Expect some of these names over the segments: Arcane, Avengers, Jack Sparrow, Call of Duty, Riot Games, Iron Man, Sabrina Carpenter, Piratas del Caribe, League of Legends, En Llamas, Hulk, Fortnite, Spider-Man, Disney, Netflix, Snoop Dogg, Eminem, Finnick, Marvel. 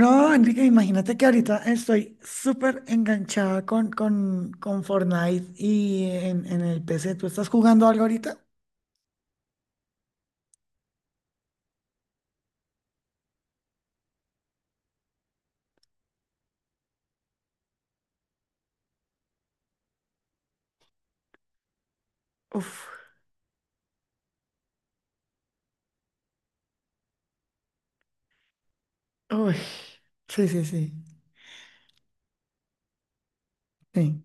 No, Enrique, imagínate que ahorita estoy súper enganchada con Fortnite y en el PC. ¿Tú estás jugando algo ahorita? Uf, uy, sí, sí, sí, sí,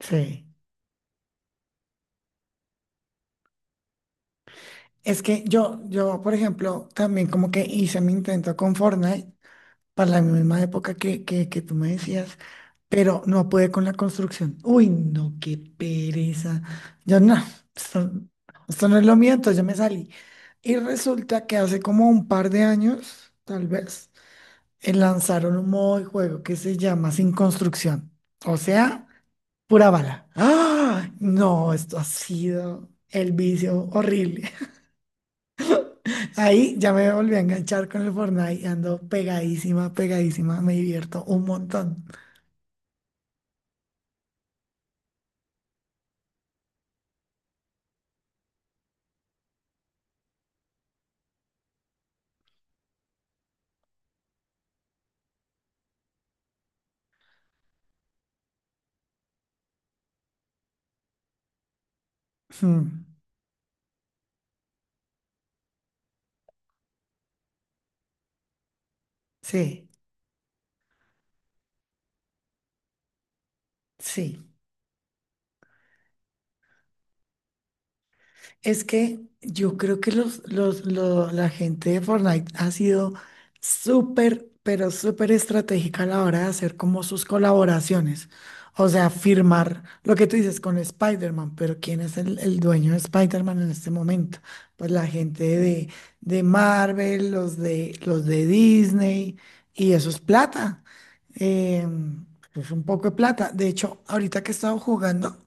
sí. Es que yo, por ejemplo, también como que hice mi intento con Fortnite para la misma época que tú me decías, pero no pude con la construcción. Uy, no, qué pereza. Yo no, esto, esto no es lo mío, entonces yo me salí. Y resulta que hace como un par de años, tal vez, lanzaron un modo de juego que se llama Sin Construcción, o sea, pura bala. ¡Ah! No, esto ha sido el vicio horrible. Ahí ya me volví a enganchar con el Fortnite, y ando pegadísima, pegadísima, me divierto un montón. Mm, sí, sí. Es que yo creo que la gente de Fortnite ha sido súper, pero súper estratégica a la hora de hacer como sus colaboraciones. O sea, firmar lo que tú dices con Spider-Man, pero ¿quién es el dueño de Spider-Man en este momento? Pues la gente de Marvel, los de Disney, y eso es plata. Em, es un poco de plata. De hecho, ahorita que he estado jugando,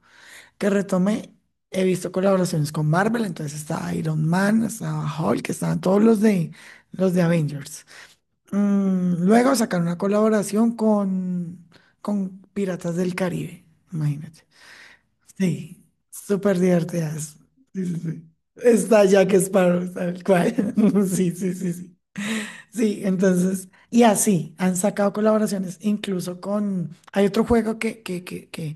que retomé, he visto colaboraciones con Marvel, entonces estaba Iron Man, estaba Hulk, estaban todos los de Avengers. Luego sacaron una colaboración con Piratas del Caribe, imagínate. Sí, súper divertidas. Sí, sí, sí. Está Jack Sparrow, tal cual. Sí, sí, sí, sí. Sí, entonces, y así han sacado colaboraciones, incluso con, hay otro juego que.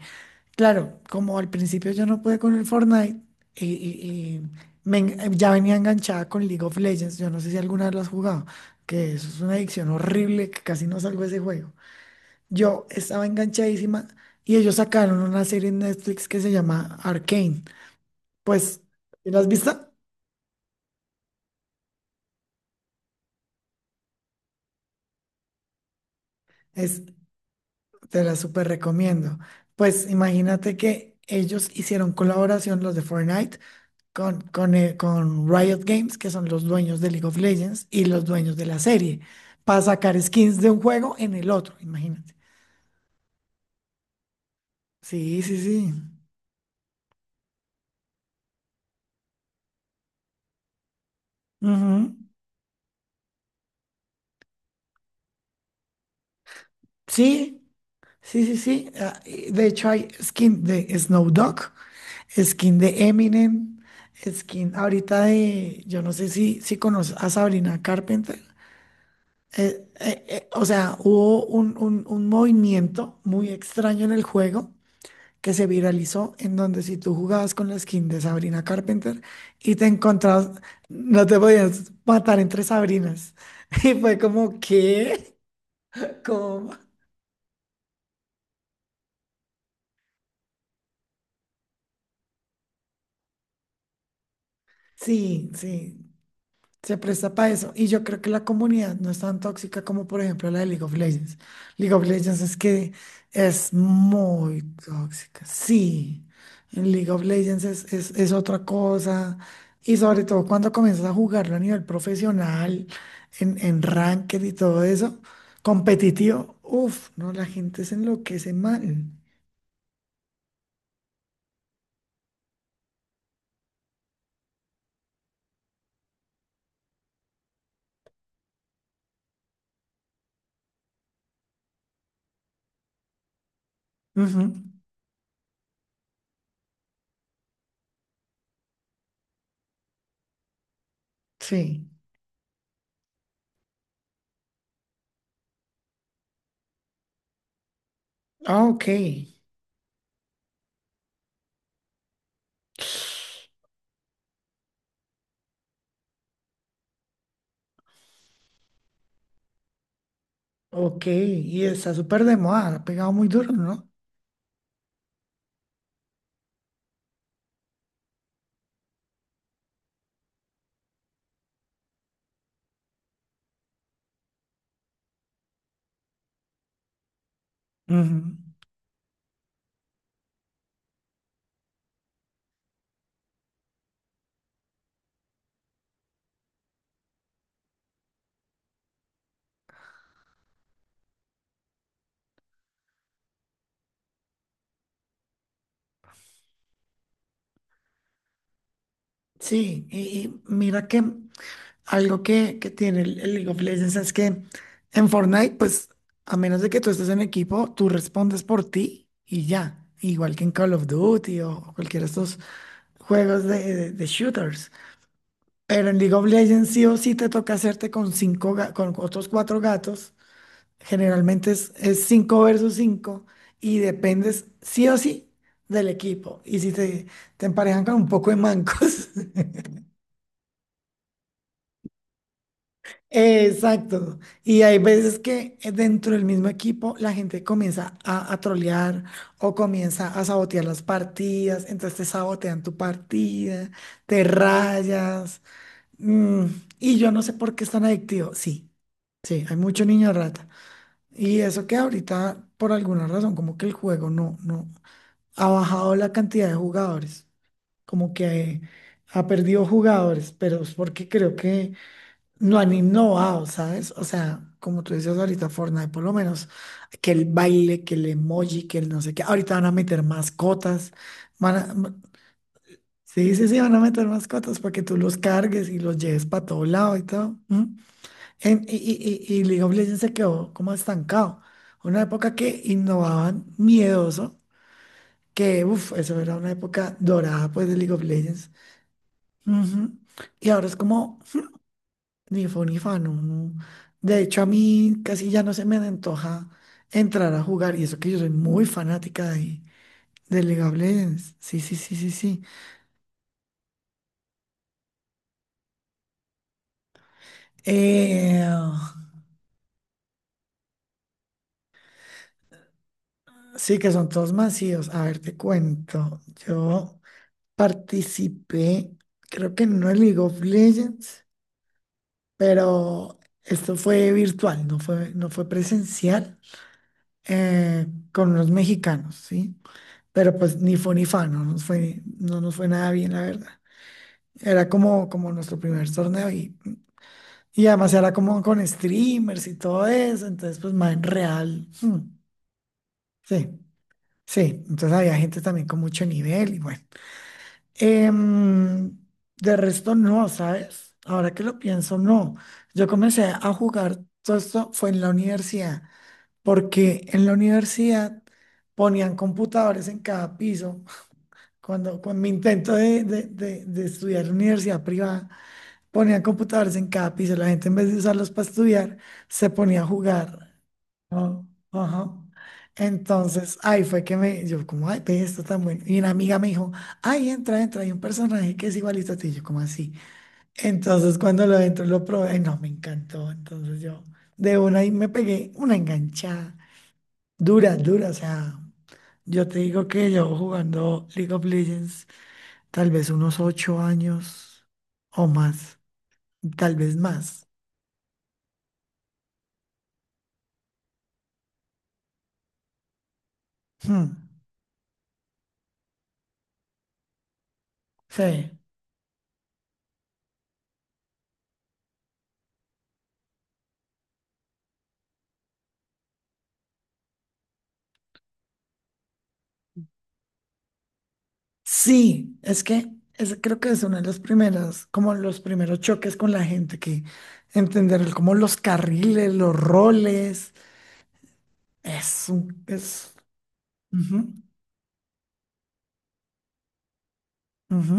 Claro, como al principio yo no pude con el Fortnite, y, y- y ya venía enganchada con League of Legends. Yo no sé si alguna vez lo has jugado, que eso es una adicción horrible, que casi no salgo de ese juego. Yo estaba enganchadísima y ellos sacaron una serie en Netflix que se llama Arcane. Pues, ¿sí? ¿La has visto? Es, Te la súper recomiendo. Pues imagínate que ellos hicieron colaboración, los de Fortnite con Riot Games, que son los dueños de League of Legends y los dueños de la serie, para sacar skins de un juego en el otro, imagínate. Sí, sí, sí. Ujú. Sí, sí, sí, sí. Ah, y de hecho, hay skin de Snow Dogg, skin de Eminem, skin ahorita de, yo no sé si conoces a Sabrina Carpenter. O sea, hubo un movimiento muy extraño en el juego que se viralizó, en donde si tú jugabas con la skin de Sabrina Carpenter y te encontrabas, no te podías matar entre Sabrinas. Y fue como, ¿qué? ¿Cómo? Sí, sí, se presta para eso. Y yo creo que la comunidad no es tan tóxica como, por ejemplo, la de League of Legends. League of Legends es que es muy tóxica. Sí, en League of Legends es otra cosa. Y sobre todo cuando comienzas a jugarlo a nivel profesional, en ranked y todo eso, competitivo, uff, no, la gente se enloquece mal. Ujú, sí. Ah, ok. Ok. Y está súper de moda, ha pegado muy duro, ¿no? Ujú. Sí, y mira que algo que tiene el League of Legends es que en Fortnite, pues a menos de que tú estés en equipo, tú respondes por ti y ya, igual que en Call of Duty o cualquiera de estos juegos de shooters. Pero en League of Legends sí o sí te toca hacerte con con otros cuatro gatos. Generalmente es cinco versus cinco y dependes sí o sí del equipo. Y si te emparejan con un poco de mancos. Exacto. Y hay veces que dentro del mismo equipo la gente comienza a trolear o comienza a sabotear las partidas, entonces te sabotean tu partida, te rayas. mm, y yo no sé por qué es tan adictivo. Sí, sí, hay mucho niño rata. Y eso que ahorita, por alguna razón, como que el juego no ha bajado la cantidad de jugadores como que ha perdido jugadores, pero es porque creo que no han innovado, ¿sabes? O sea, como tú decías ahorita, Fortnite, por lo menos, que el baile, que el emoji, que el no sé qué. Ahorita van a meter mascotas. Van a- m- sí, sí, sí, van a meter mascotas para que tú los cargues y los lleves para todo lado y todo. ¿M? Y League of Legends se quedó como estancado. Una época que innovaban miedoso, que, uff, eso era una época dorada, pues, de League of Legends. Ujú. Y ahora es como. Ni fu ni fa, no, no. De hecho, a mí casi ya no se me antoja entrar a jugar, y eso que yo soy muy fanática de League of Legends. Sí, sí, sí, sí, sí. Eh, sí, que son todos masivos. A ver, te cuento. Yo participé, creo que no en League of Legends, pero esto fue virtual, no fue presencial, eh, con los mexicanos, ¿sí? Pero pues ni fu ni fa, no nos fue nada bien, la verdad. Era como nuestro primer torneo y además era como con streamers y todo eso, entonces pues más en real. Sí, sí, entonces había gente también con mucho nivel y bueno. Em, de resto no, ¿sabes? Ahora que lo pienso, no. Yo comencé a jugar, todo esto fue en la universidad, porque en la universidad ponían computadores en cada piso. Cuando, con mi intento de estudiar en universidad privada, ponían computadores en cada piso, la gente en vez de usarlos para estudiar, se ponía a jugar. ¿No? Ajá. Entonces, ahí fue que yo como, ay, ve esto tan bueno. Y una amiga me dijo, ay, entra, entra, hay un personaje que es igualito a ti, yo como así. Entonces, cuando lo entro, lo probé, ay, no, me encantó. Entonces yo, de una ahí me pegué una enganchada, dura, dura, o sea, yo te digo que yo jugando League of Legends, tal vez unos 8 años o más, tal vez más. Hmm, sí. Sí, es que creo que es uno de los primeros, como los primeros choques con la gente, que entender como los carriles, los roles, es un, ujú, ujú.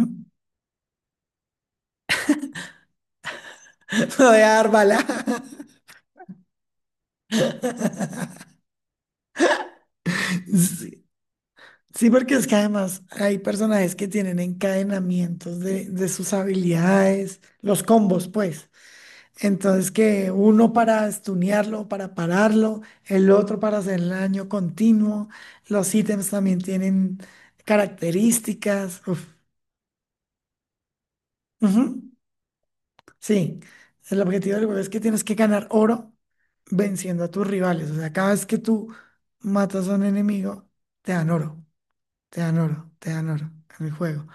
Me voy a dar bala. Sí, sí, porque es que además hay personajes que tienen encadenamientos de sus habilidades, los combos, pues. Entonces que uno para estunearlo, para pararlo, el otro para hacer el daño continuo. Los ítems también tienen características. Uf. Ujú. Sí, el objetivo del juego es que tienes que ganar oro venciendo a tus rivales. O sea, cada vez que tú matas a un enemigo, te dan oro. Te dan oro, te dan oro en el juego.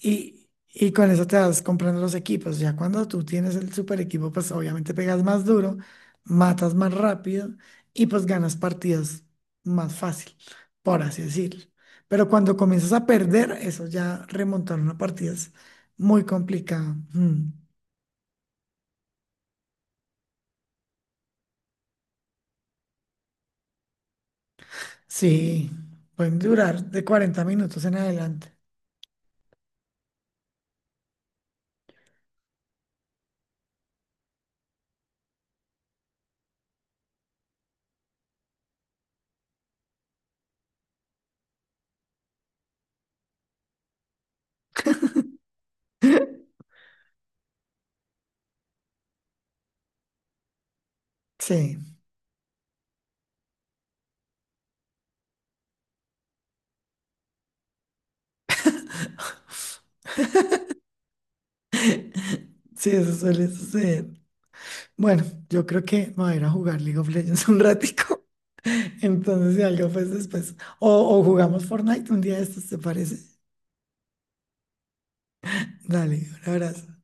Y con eso te vas comprando los equipos. Ya cuando tú tienes el super equipo, pues obviamente pegas más duro, matas más rápido y pues ganas partidas más fácil, por así decirlo. Pero cuando comienzas a perder, eso ya remontar una partida es muy complicado. Mm. Sí, pueden durar de 40 minutos en adelante. Sí, sí, eso suele suceder. Bueno, yo creo que me voy a ir a jugar League of Legends un ratico. Entonces, si algo, pues después. O jugamos Fortnite un día de estos, ¿te parece? Dale, un abrazo.